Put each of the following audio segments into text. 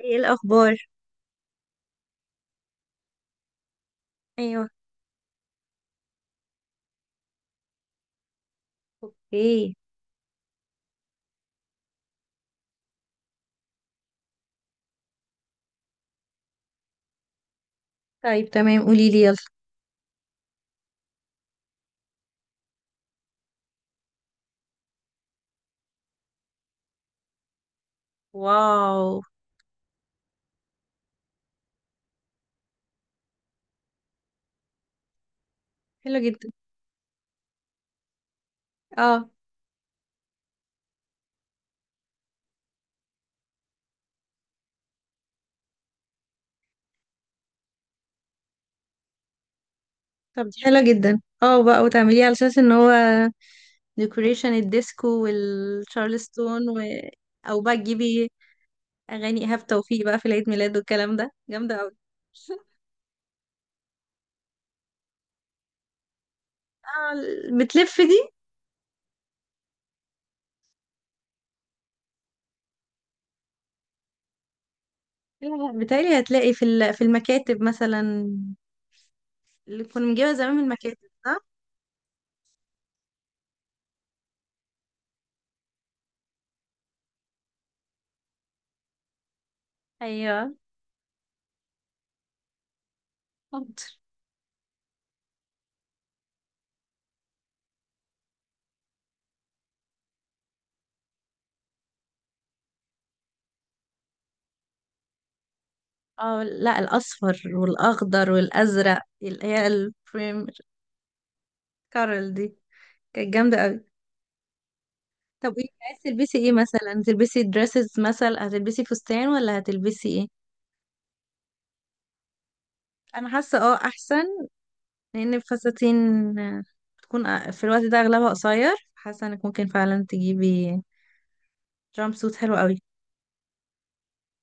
ايه الاخبار؟ ايوه. اوكي. طيب، تمام، قولي لي، يلا. واو. حلو جدا، اه. طب، دي حلوه جدا اه بقى، وتعمليه على اساس ان هو ديكوريشن الديسكو والشارلستون او بقى تجيبي اغاني ايهاب توفيق بقى في العيد ميلاد، والكلام ده جامده قوي. اه، بتلف دي. لا، بتهيألي هتلاقي في المكاتب مثلا، اللي كنا بنجيبها زمان من المكاتب، صح؟ ايوه. اه، لا، الاصفر والاخضر والازرق اللي هي البريم. كارل دي، كانت جامده قوي. طب ايه عايز تلبسي؟ ايه مثلا، تلبسي دريسز مثلا، هتلبسي فستان ولا هتلبسي ايه؟ انا حاسه اه احسن. لان الفساتين في الوقت ده اغلبها قصير، حاسه انك ممكن فعلا تجيبي جامب سوت حلو قوي،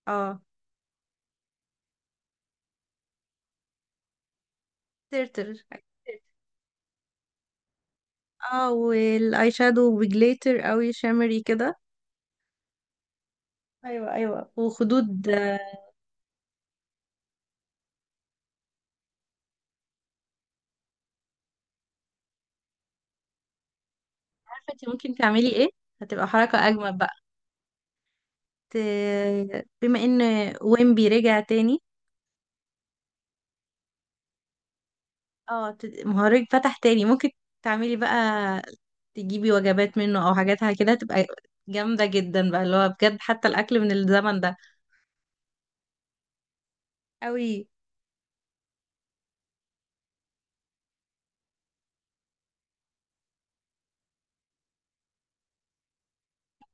اه، ترتر. اه، والاي شادو بجليتر قوي شimmery كده. ايوه ايوه، وخدود. عارفة انت ممكن تعملي ايه؟ هتبقى حركة اجمل بقى. ت... بما ان ويمبي رجع تاني. اه، مهرج فتح تاني، ممكن تعملي بقى، تجيبي وجبات منه او حاجاتها، كده هتبقى جامدة جدا بقى اللي هو بجد، حتى الاكل من الزمن ده، قوي.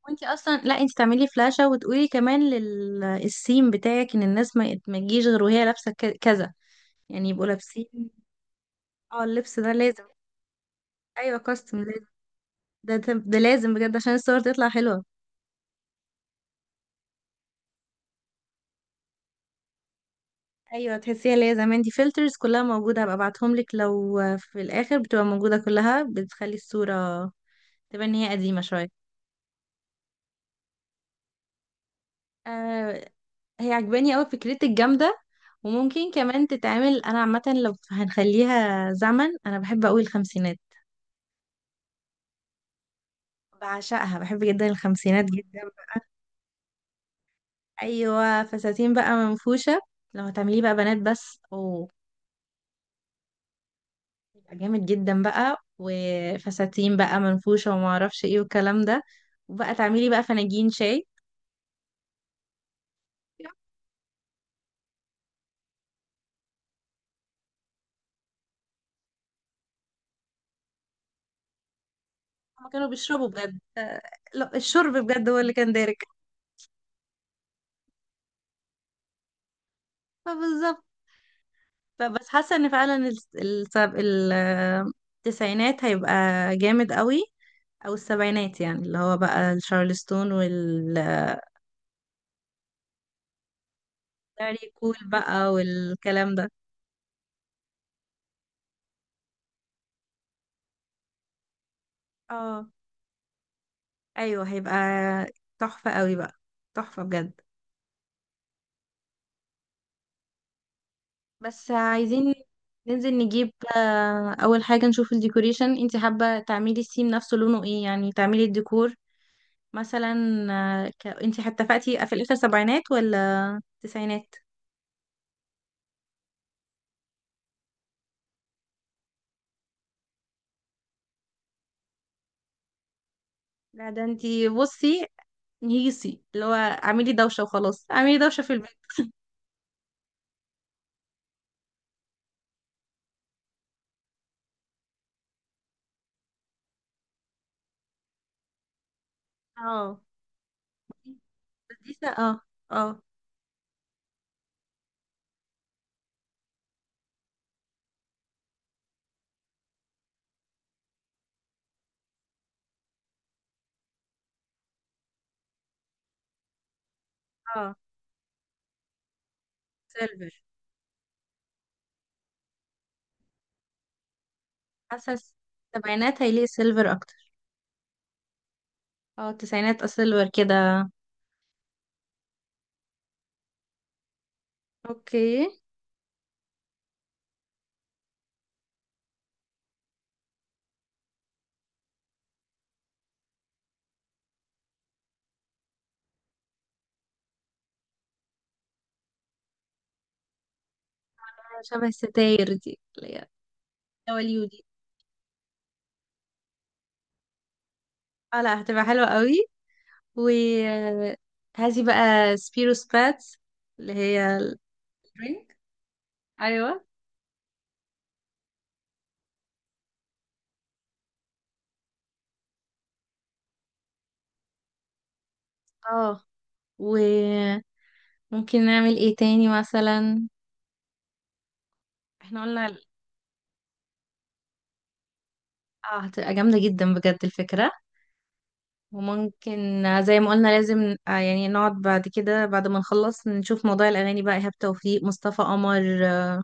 وانت اصلا، لا انت تعملي فلاشة، وتقولي كمان للسيم بتاعك ان الناس ما تجيش غير وهي لابسة كذا، يعني يبقوا لابسين. اه، اللبس ده لازم. ايوه، كاستم لازم. ده لازم بجد عشان الصور تطلع حلوة. ايوه، تحسيها اللي هي زمان دي، فلترز كلها موجوده هبقى ابعتهم لك، لو في الاخر بتبقى موجوده كلها، بتخلي الصوره تبان ان هي قديمه شويه. آه. هي عجباني قوي، فكرتك جامده. وممكن كمان تتعمل، انا عامه لو هنخليها زمن، انا بحب قوي الخمسينات. بعشقها، بحب جدا الخمسينات جدا بقى. ايوه، فساتين بقى منفوشه. لو هتعمليه بقى بنات بس، اوه، يبقى جامد جدا بقى، وفساتين بقى منفوشه، وما اعرفش ايه، والكلام ده. وبقى تعملي بقى فناجين شاي. هما كانوا بيشربوا بجد، لا، الشرب بجد هو اللي كان دارك. فبالظبط. بس حاسه ان فعلا الس- السب... ال- آه، التسعينات هيبقى جامد قوي. او السبعينات، يعني اللي هو بقى الشارلستون وال آه، داري كول بقى والكلام ده. اه، ايوه، هيبقى تحفه قوي بقى، تحفه بجد. بس عايزين ننزل نجيب اول حاجه، نشوف الديكوريشن، انت حابه تعملي السيم نفسه لونه ايه؟ يعني تعملي الديكور مثلا. انتي اتفقتي في الاخر سبعينات ولا تسعينات؟ لا ده انتي بصي، نيسي اللي هو اعملي دوشة وخلاص، اعملي دوشة في البيت. اه، اه، اه. اه، سيلفر. حاسة السبعينات هيليق سيلفر اكتر. اه، التسعينات سيلفر كده. اوكي. شبه الستاير دي اللي هي دوليو دي. اه، لا، هتبقى حلوة قوي. و هذه بقى سبيرو سباتس اللي هي الدرينك. ايوه. اه، وممكن نعمل ايه تاني مثلا؟ احنا قلنا ال- اه، هتبقى جامدة جدا بجد الفكرة. وممكن زي ما قلنا لازم، يعني نقعد بعد كده، بعد ما نخلص نشوف موضوع الأغاني بقى، إيهاب توفيق، مصطفى قمر،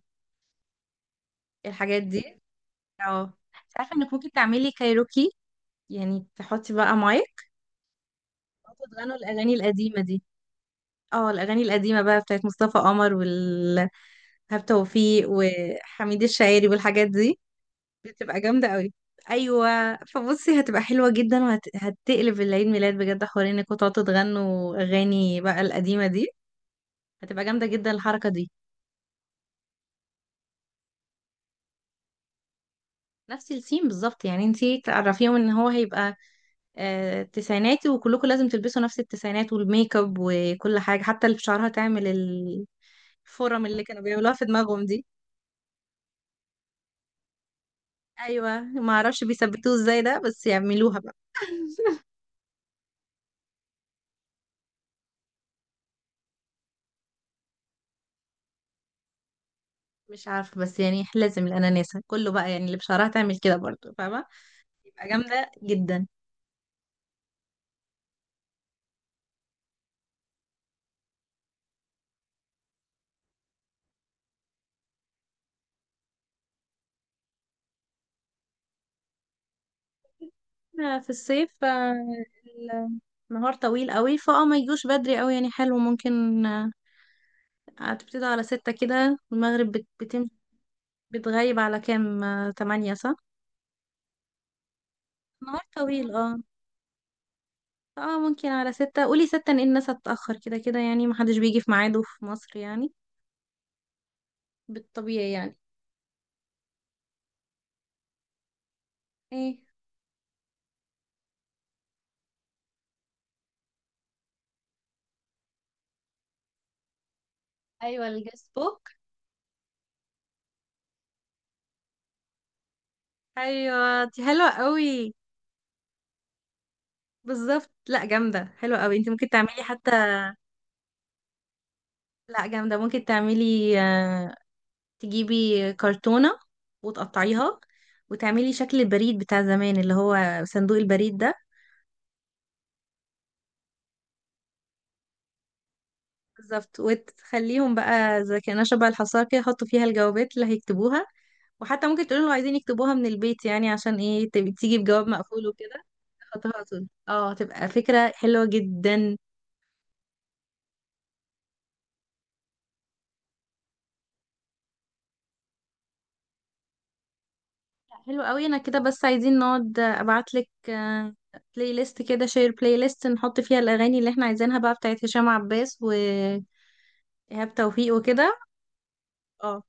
الحاجات دي. اه، انت عارفة انك ممكن تعملي كايروكي. يعني تحطي بقى مايك، وتغنوا الأغاني القديمة دي. اه، الأغاني القديمة بقى بتاعت مصطفى قمر وإيهاب توفيق وحميد الشاعري، والحاجات دي بتبقى جامدة قوي. ايوه، فبصي هتبقى حلوة جدا. وهتقلب العيد ميلاد بجد، حوار انكم تقعدوا تغنوا اغاني بقى القديمة دي، هتبقى جامدة جدا الحركة دي. نفس السيم بالظبط، يعني انتي تعرفيهم ان هو هيبقى تسعيناتي، وكلكم لازم تلبسوا نفس التسعينات والميك اب وكل حاجة، حتى اللي في شعرها تعمل الفرم اللي كانوا بيعملوها في دماغهم دي. ايوه، ما اعرفش بيثبتوه ازاي ده، بس يعملوها بقى. مش عارفة، بس يعني لازم الاناناسة كله بقى، يعني اللي بشعرها تعمل كده برضو، فاهمة؟ بتبقى جامدة جدا. في الصيف، النهار طويل قوي، فاه ما يجوش بدري قوي يعني، حلو ممكن، هتبتدي على 6 كده، المغرب بتم. بتغيب على كام؟ 8، صح؟ نهار طويل، اه. اه، ممكن على 6، قولي 6، ان الناس هتتأخر كده كده، يعني محدش بيجي في ميعاده في مصر، يعني بالطبيعي، يعني. ايه؟ ايوه، الجيست بوك. ايوه، دي حلوه قوي. بالظبط، لا، جامده، حلوه قوي، انت ممكن تعملي حتى. لا، جامده، ممكن تعملي، تجيبي كرتونة، وتقطعيها، وتعملي شكل البريد بتاع زمان، اللي هو صندوق البريد ده. بالظبط، وتخليهم بقى زي كأنها شبه الحصاكة كده يحطوا فيها الجوابات اللي هيكتبوها. وحتى ممكن تقولوا لو عايزين يكتبوها من البيت، يعني عشان ايه تبقي تيجي بجواب مقفول وكده. تحطوها طول، اه، تبقى فكرة حلوة جدا. حلو قوي، انا كده بس، عايزين نقعد ابعتلك بلاي ليست كده، شير بلاي ليست نحط فيها الاغاني اللي احنا عايزينها بقى، بتاعت هشام عباس وإيهاب توفيق وكده. اه.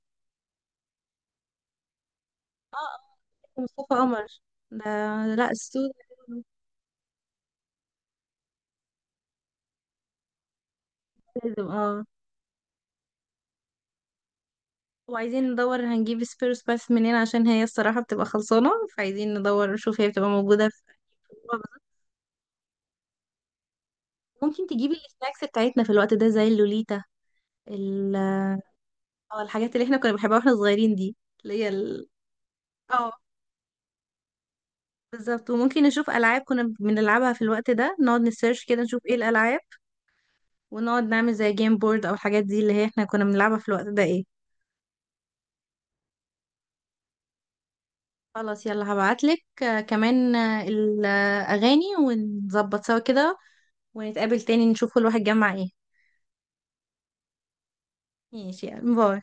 اه، مصطفى قمر ده. لا، السود لازم، اه. وعايزين ندور هنجيب سبيروس باث منين؟ عشان هي الصراحة بتبقى خلصانة، فعايزين ندور نشوف هي بتبقى موجودة في أي فروع بالظبط. ممكن تجيبي السناكس بتاعتنا في الوقت ده زي اللوليتا، ال اه، الحاجات اللي احنا كنا بنحبها واحنا صغيرين دي، اللي هي اه، بالظبط، وممكن نشوف ألعاب كنا بنلعبها في الوقت ده، نقعد نسيرش كده نشوف ايه الألعاب، ونقعد نعمل زي جيم بورد أو الحاجات دي اللي هي احنا كنا بنلعبها في الوقت ده، ايه. خلاص، يلا، هبعتلك كمان الأغاني، ونظبط سوا كده، ونتقابل تاني نشوف كل واحد جمع ايه. ماشي، يلا، باي.